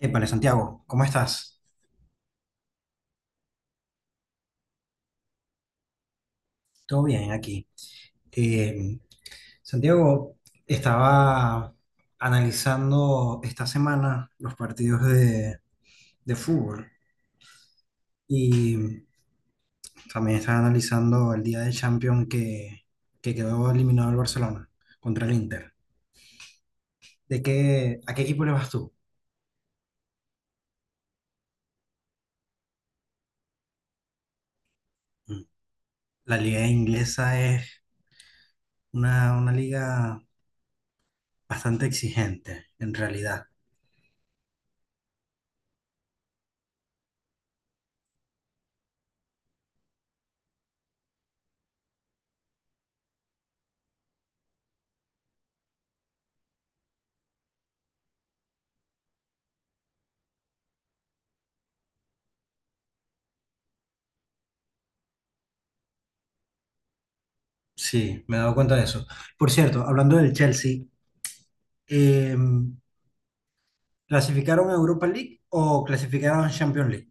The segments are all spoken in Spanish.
Épale, Santiago, ¿cómo estás? Todo bien aquí. Eh, Santiago, estaba analizando esta semana los partidos de fútbol y también estaba analizando el día de Champions que quedó eliminado el Barcelona contra el Inter. ¿A qué equipo le vas tú? Mm. La liga inglesa es una liga bastante exigente, en realidad. Sí, me he dado cuenta de eso. Por cierto, hablando del Chelsea, Eh, ¿clasificaron a Europa League o clasificaron a Champions League?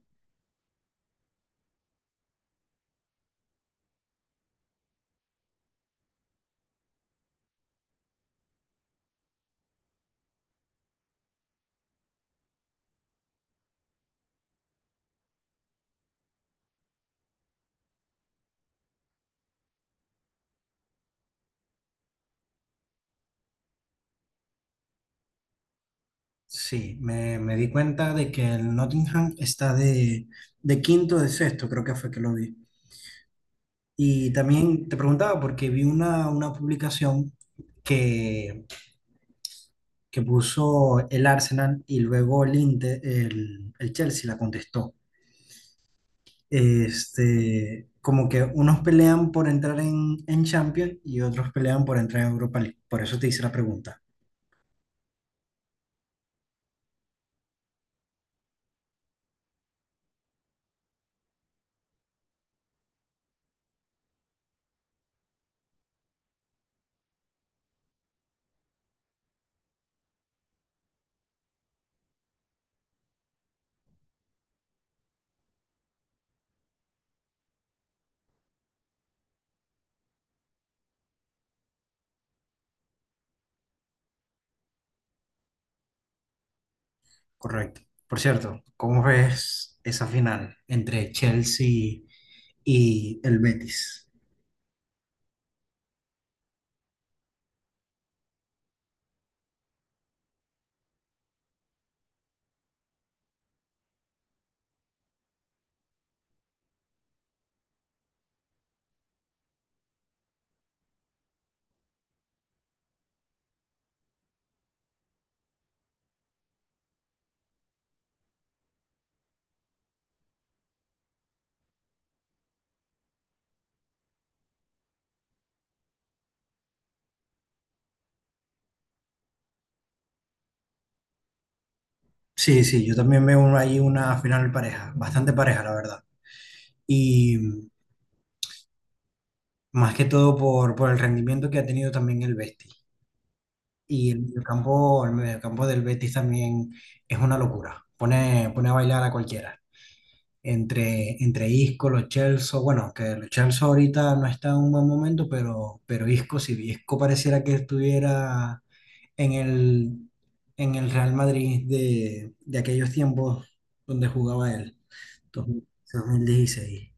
Sí, me di cuenta de que el Nottingham está de quinto de sexto, creo que fue que lo vi. Y también te preguntaba porque vi una publicación que, que puso el Arsenal y luego el Chelsea la contestó. Este, como que unos pelean por entrar en Champions y otros pelean por entrar en Europa League. Por eso te hice la pregunta. Correcto. Por cierto, ¿cómo ves esa final entre Chelsea y el Betis? Sí, sí, yo también veo ahí una final pareja, bastante pareja, la verdad. Y más que todo por el rendimiento que ha tenido también el Betis. Y el mediocampo del Betis también es una locura. Pone, pone a bailar a cualquiera. Entre, entre Isco, Lo Celso, bueno, que Lo Celso ahorita no está en un buen momento, pero Isco, si Isco pareciera que estuviera en en el Real Madrid de aquellos tiempos donde jugaba él, 2000, 2016.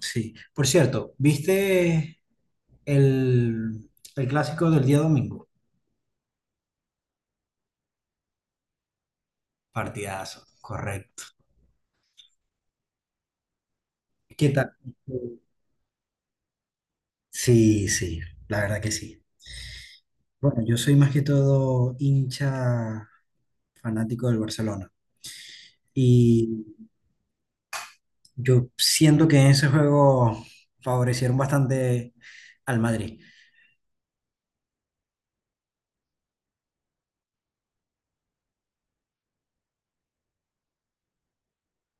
Sí. Por cierto, ¿viste el, el clásico del día domingo? Partidazo, correcto. ¿Qué tal? Sí, sí, la verdad que sí. Bueno, yo soy más que todo hincha fanático del Barcelona. Y yo siento que en ese juego favorecieron bastante al Madrid.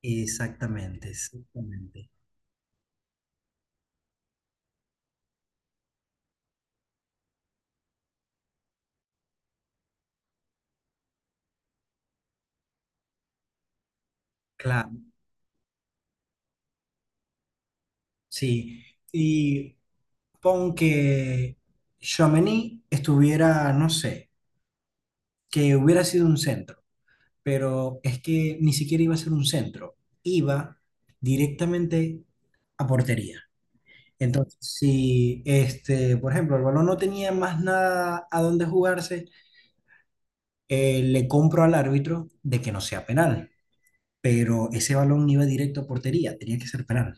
Exactamente, exactamente. Claro, sí. Y pon que Tchouaméni estuviera, no sé, que hubiera sido un centro, pero es que ni siquiera iba a ser un centro, iba directamente a portería. Entonces, si este, por ejemplo, el balón no tenía más nada a dónde jugarse, le compro al árbitro de que no sea penal, pero ese balón iba directo a portería, tenía que ser penal.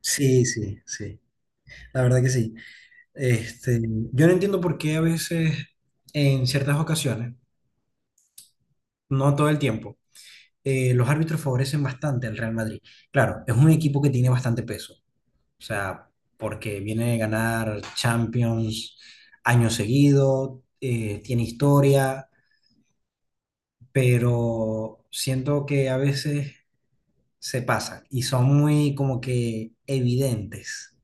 Sí, sí, sí, la verdad que sí. Este, yo no entiendo por qué a veces, en ciertas ocasiones, no todo el tiempo, los árbitros favorecen bastante al Real Madrid. Claro, es un equipo que tiene bastante peso, o sea, porque viene de ganar Champions años seguido, tiene historia, pero siento que a veces se pasan y son muy como que evidentes.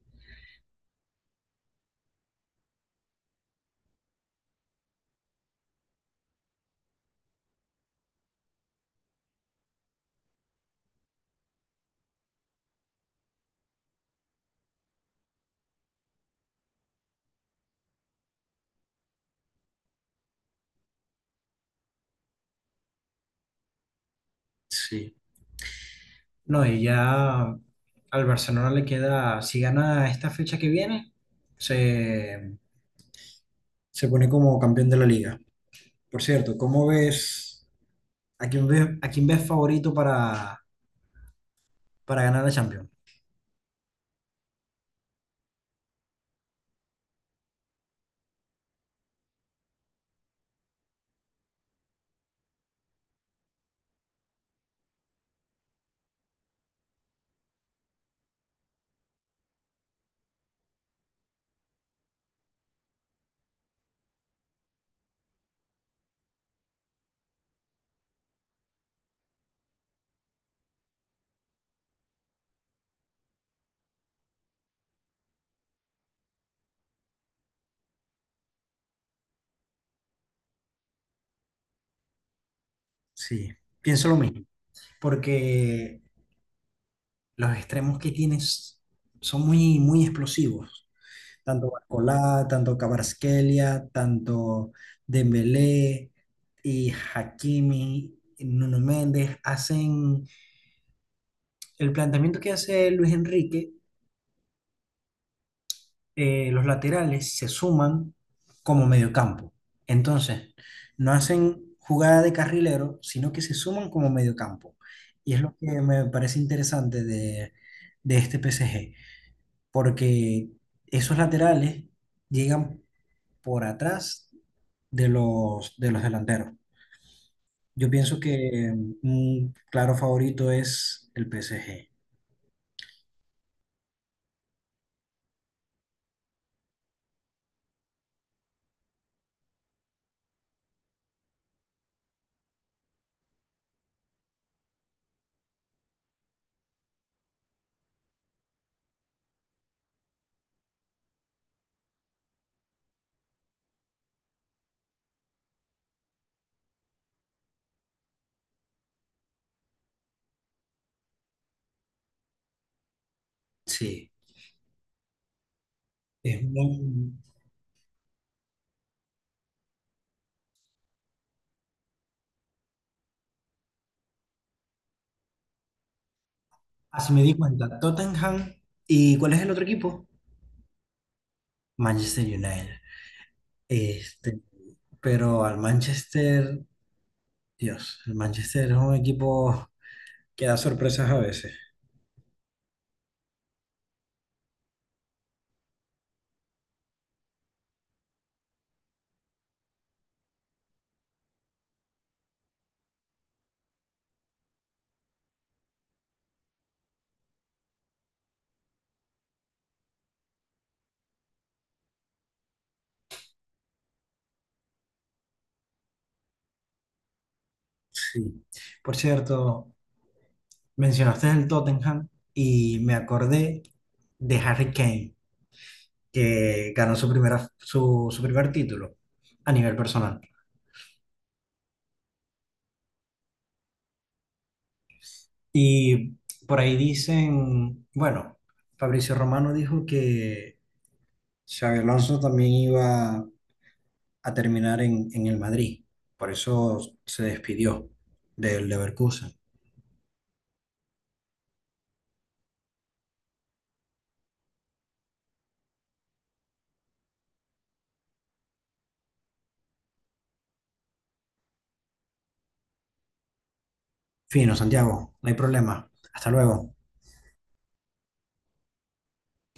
Sí. No, y ya al Barcelona le queda, si gana esta fecha que viene, se, se pone como campeón de la liga. Por cierto, ¿a quién a quién ves favorito para ganar la Champions? Sí, pienso lo mismo, porque los extremos que tienes son muy explosivos. Tanto Barcolá, tanto Kvaratskhelia, tanto Dembélé y Hakimi, Nuno Méndez, hacen el planteamiento que hace Luis Enrique, los laterales se suman como mediocampo. Entonces, no hacen jugada de carrilero, sino que se suman como mediocampo. Y es lo que me parece interesante de este PSG, porque esos laterales llegan por atrás de de los delanteros. Yo pienso que un claro favorito es el PSG. Sí, es un- así me di cuenta, Tottenham. ¿Y cuál es el otro equipo? Manchester United. Este, pero al Manchester, Dios, el Manchester es un equipo que da sorpresas a veces. Sí. Por cierto, mencionaste el Tottenham y me acordé de Harry Kane, que ganó su primer título a nivel personal. Y por ahí dicen, bueno, Fabricio Romano dijo que Xabi Alonso también iba a terminar en el Madrid, por eso se despidió del Leverkusen. Fino, Santiago, no hay problema. Hasta luego.